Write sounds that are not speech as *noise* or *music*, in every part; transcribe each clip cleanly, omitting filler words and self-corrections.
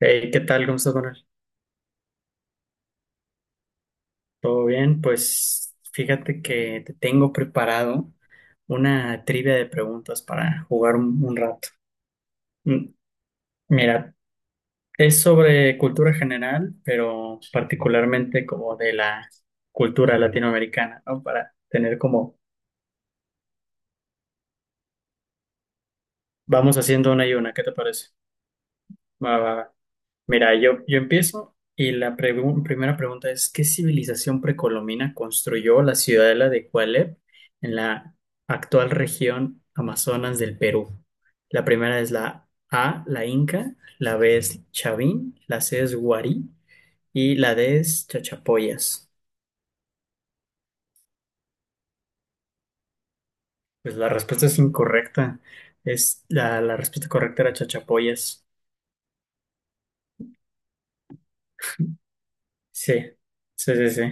Hey, ¿qué tal? ¿Cómo estás, Manuel? ¿Todo bien? Pues fíjate que te tengo preparado una trivia de preguntas para jugar un rato. Mm, Mira, es sobre cultura general, pero particularmente como de la cultura latinoamericana, ¿no? Para tener como, vamos haciendo una y una, ¿qué te parece? Va, va, va. Mira, yo empiezo y primera pregunta es, ¿qué civilización precolombina construyó la ciudadela de Cualep en la actual región Amazonas del Perú? La primera es la A, la Inca, la B es Chavín, la C es Guarí y la D es Chachapoyas. Pues la respuesta es incorrecta. Es la respuesta correcta era Chachapoyas. Sí, sí, sí, sí.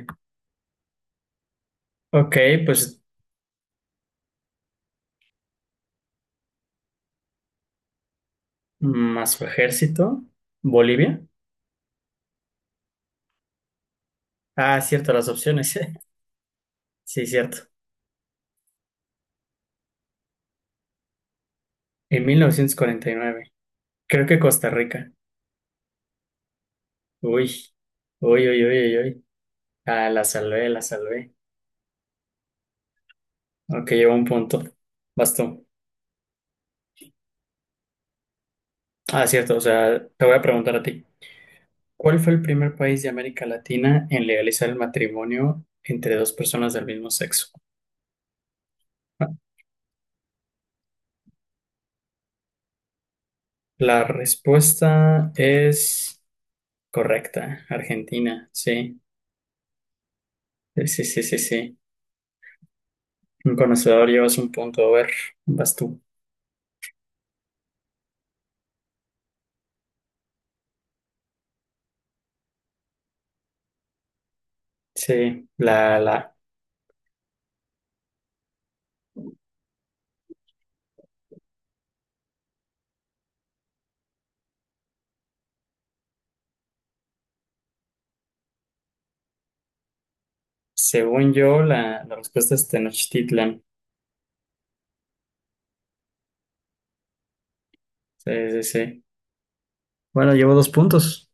Ok, pues más su ejército, Bolivia. Ah, cierto, las opciones. *laughs* Sí, cierto. En 1949, creo que Costa Rica. Uy, uy, uy, uy, uy. Uy. Ah, la salvé, la salvé. Ok, llevo un punto. Bastón. Ah, cierto, o sea, te voy a preguntar a ti. ¿Cuál fue el primer país de América Latina en legalizar el matrimonio entre dos personas del mismo sexo? *laughs* La respuesta es correcta, Argentina, sí. Sí, sí, sí, sí, sí. Un conocedor, llevas un punto, a ver, vas tú. Sí, según yo, la respuesta es Tenochtitlan. Sí, sí, sí. Bueno, llevo dos puntos.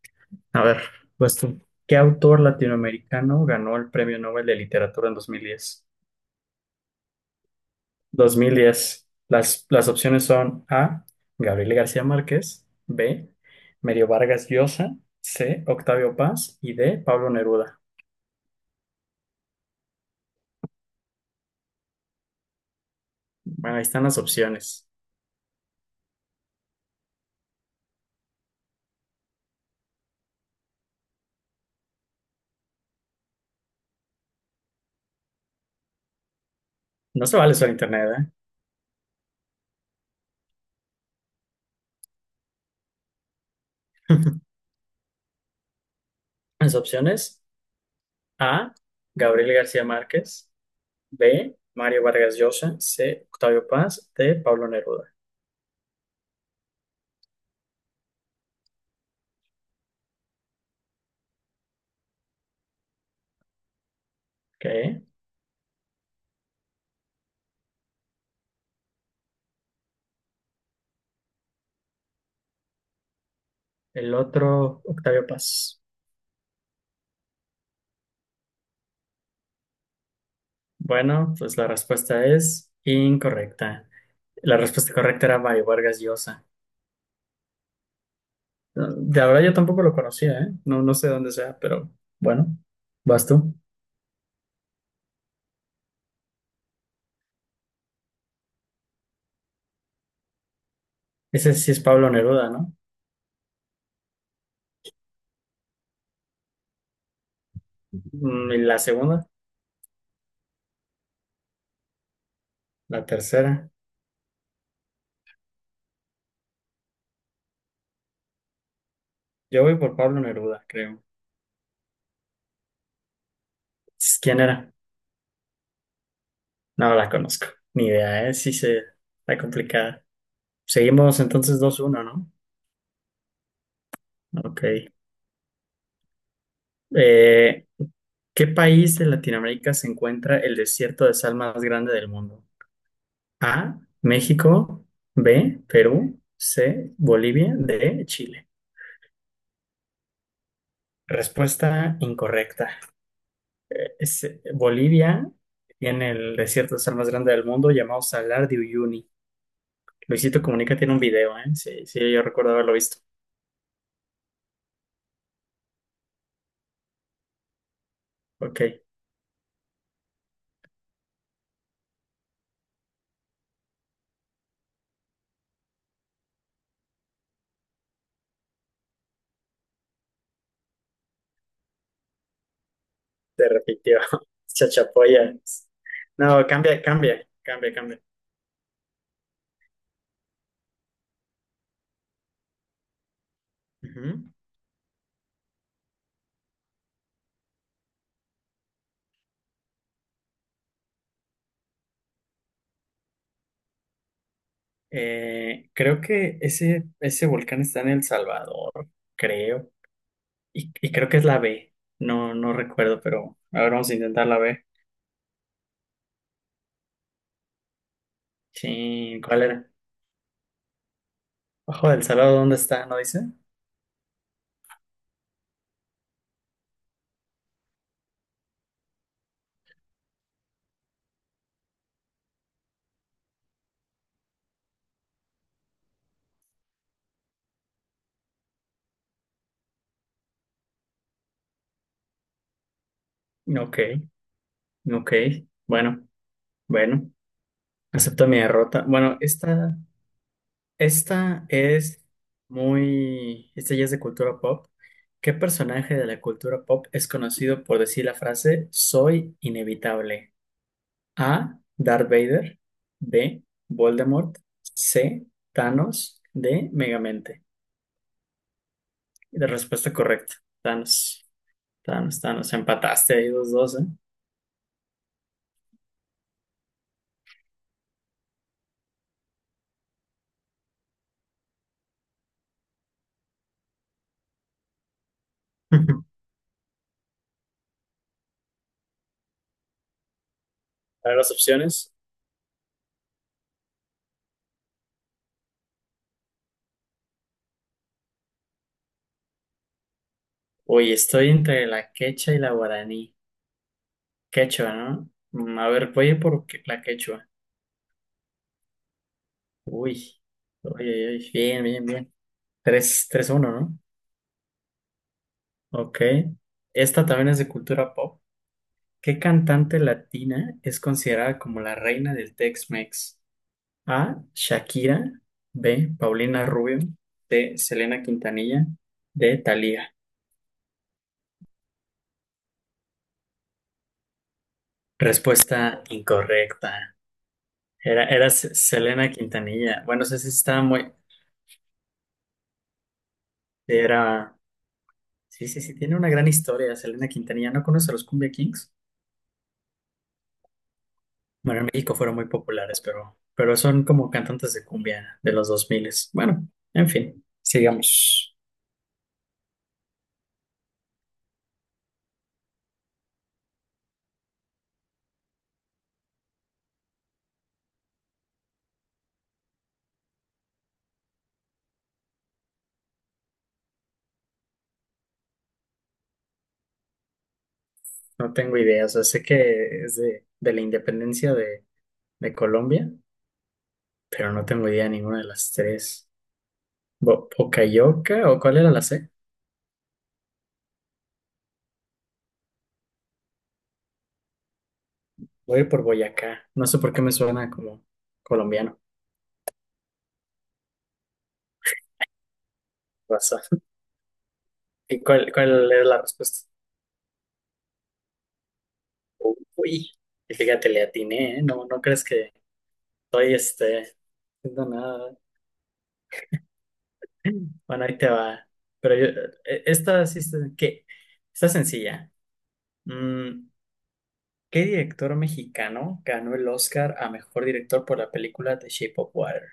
A ver, pues tú, ¿qué autor latinoamericano ganó el Premio Nobel de Literatura en Dos mil diez? Dos mil diez. Las opciones son A, Gabriel García Márquez, B, Mario Vargas Llosa, C, Octavio Paz y D, Pablo Neruda. Bueno, ahí están las opciones. No se vale solo internet, ¿eh? Las opciones A, Gabriel García Márquez. B. Mario Vargas Llosa. C. Octavio Paz. D. Pablo Neruda. Ok. El otro, Octavio Paz. Bueno, pues la respuesta es incorrecta. La respuesta correcta era Mario Vargas Llosa. De verdad yo tampoco lo conocía, ¿eh? No, no sé dónde sea, pero bueno, vas tú. Ese sí es Pablo Neruda, ¿no? ¿Y la segunda? La tercera. Yo voy por Pablo Neruda, creo. ¿Quién era? No la conozco. Ni idea, ¿eh? Sí se... Está complicada. Seguimos entonces dos uno, ¿no? Ok. Eh, ¿Qué país de Latinoamérica se encuentra el desierto de sal más grande del mundo? A, México, B, Perú, C, Bolivia, D, Chile. Respuesta incorrecta. Bolivia tiene el desierto de sal más grande del mundo llamado Salar de Uyuni. Luisito Comunica tiene un video, ¿eh? Sí, sí, yo recuerdo haberlo visto. Ok, se repitió. *laughs* Chachapoyas. No, cambia, cambia, cambia, cambia. Ujú. Creo que ese volcán está en El Salvador, creo. Y creo que es la B. No, no recuerdo, pero a ver, vamos a intentar la B. Sí, ¿cuál era? Ojo del Salvador, ¿dónde está? ¿No dice? Ok, ok. Bueno, bueno. Acepto mi derrota. Bueno, esta es muy. Esta ya es de cultura pop. ¿Qué personaje de la cultura pop es conocido por decir la frase soy inevitable? A. Darth Vader. B. Voldemort. C. Thanos. D. Megamente. Y la respuesta correcta. Thanos. Thanos, Thanos. Empataste ahí dos, dos, ¿eh? *laughs* A ver las opciones. Oye, estoy entre la quechua y la guaraní. Quechua, ¿no? A ver, voy a ir por la quechua. Uy. Oye, oye, bien, bien, bien. Tres uno, ¿no? Ok. Esta también es de cultura pop. ¿Qué cantante latina es considerada como la reina del Tex-Mex? A. Shakira. B. Paulina Rubio. C. Selena Quintanilla. D. Thalía. Respuesta incorrecta. Selena Quintanilla. Bueno, sé si está muy. Era. Sí, sí, sí, tiene una gran historia, Selena Quintanilla. ¿No conoce a los Cumbia Kings? Bueno, en México fueron muy populares, pero son como cantantes de cumbia de los 2000. Bueno, en fin, sigamos. No tengo idea, o sea, sé que es de la independencia de Colombia, pero no tengo idea de ninguna de las tres. Bo- ¿Bocayoca o cuál era la C? Voy a ir por Boyacá. No sé por qué me suena como colombiano. Raza. *laughs* ¿Y cuál era la respuesta? Uy, y fíjate, le atiné, ¿eh? No, no crees que estoy este, haciendo nada. Bueno, ahí te va. Pero yo, Esta sí está, ¿qué? Está sencilla. Mm, ¿Qué director mexicano ganó el Oscar a mejor director por la película The Shape of Water?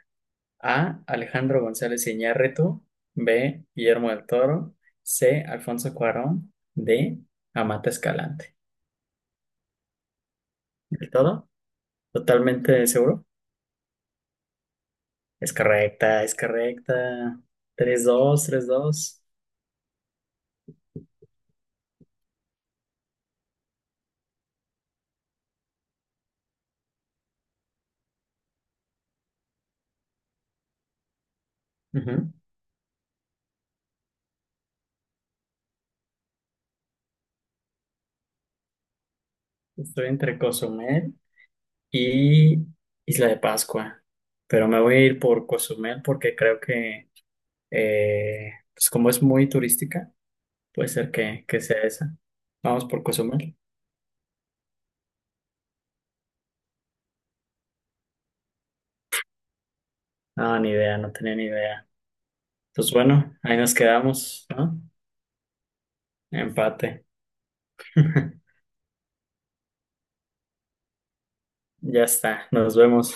A. Alejandro González Iñárritu. B. Guillermo del Toro. C. Alfonso Cuarón. D. Amata Escalante. ¿Del todo? ¿Totalmente seguro? Es correcta, es correcta. Tres dos, tres dos. Ujú. Estoy entre Cozumel y Isla de Pascua. Pero me voy a ir por Cozumel porque creo que, pues como es muy turística, puede ser que sea esa. Vamos por Cozumel. No, ni idea, no tenía ni idea. Pues bueno, ahí nos quedamos, ¿no? Empate. *laughs* Ya está, nos vemos.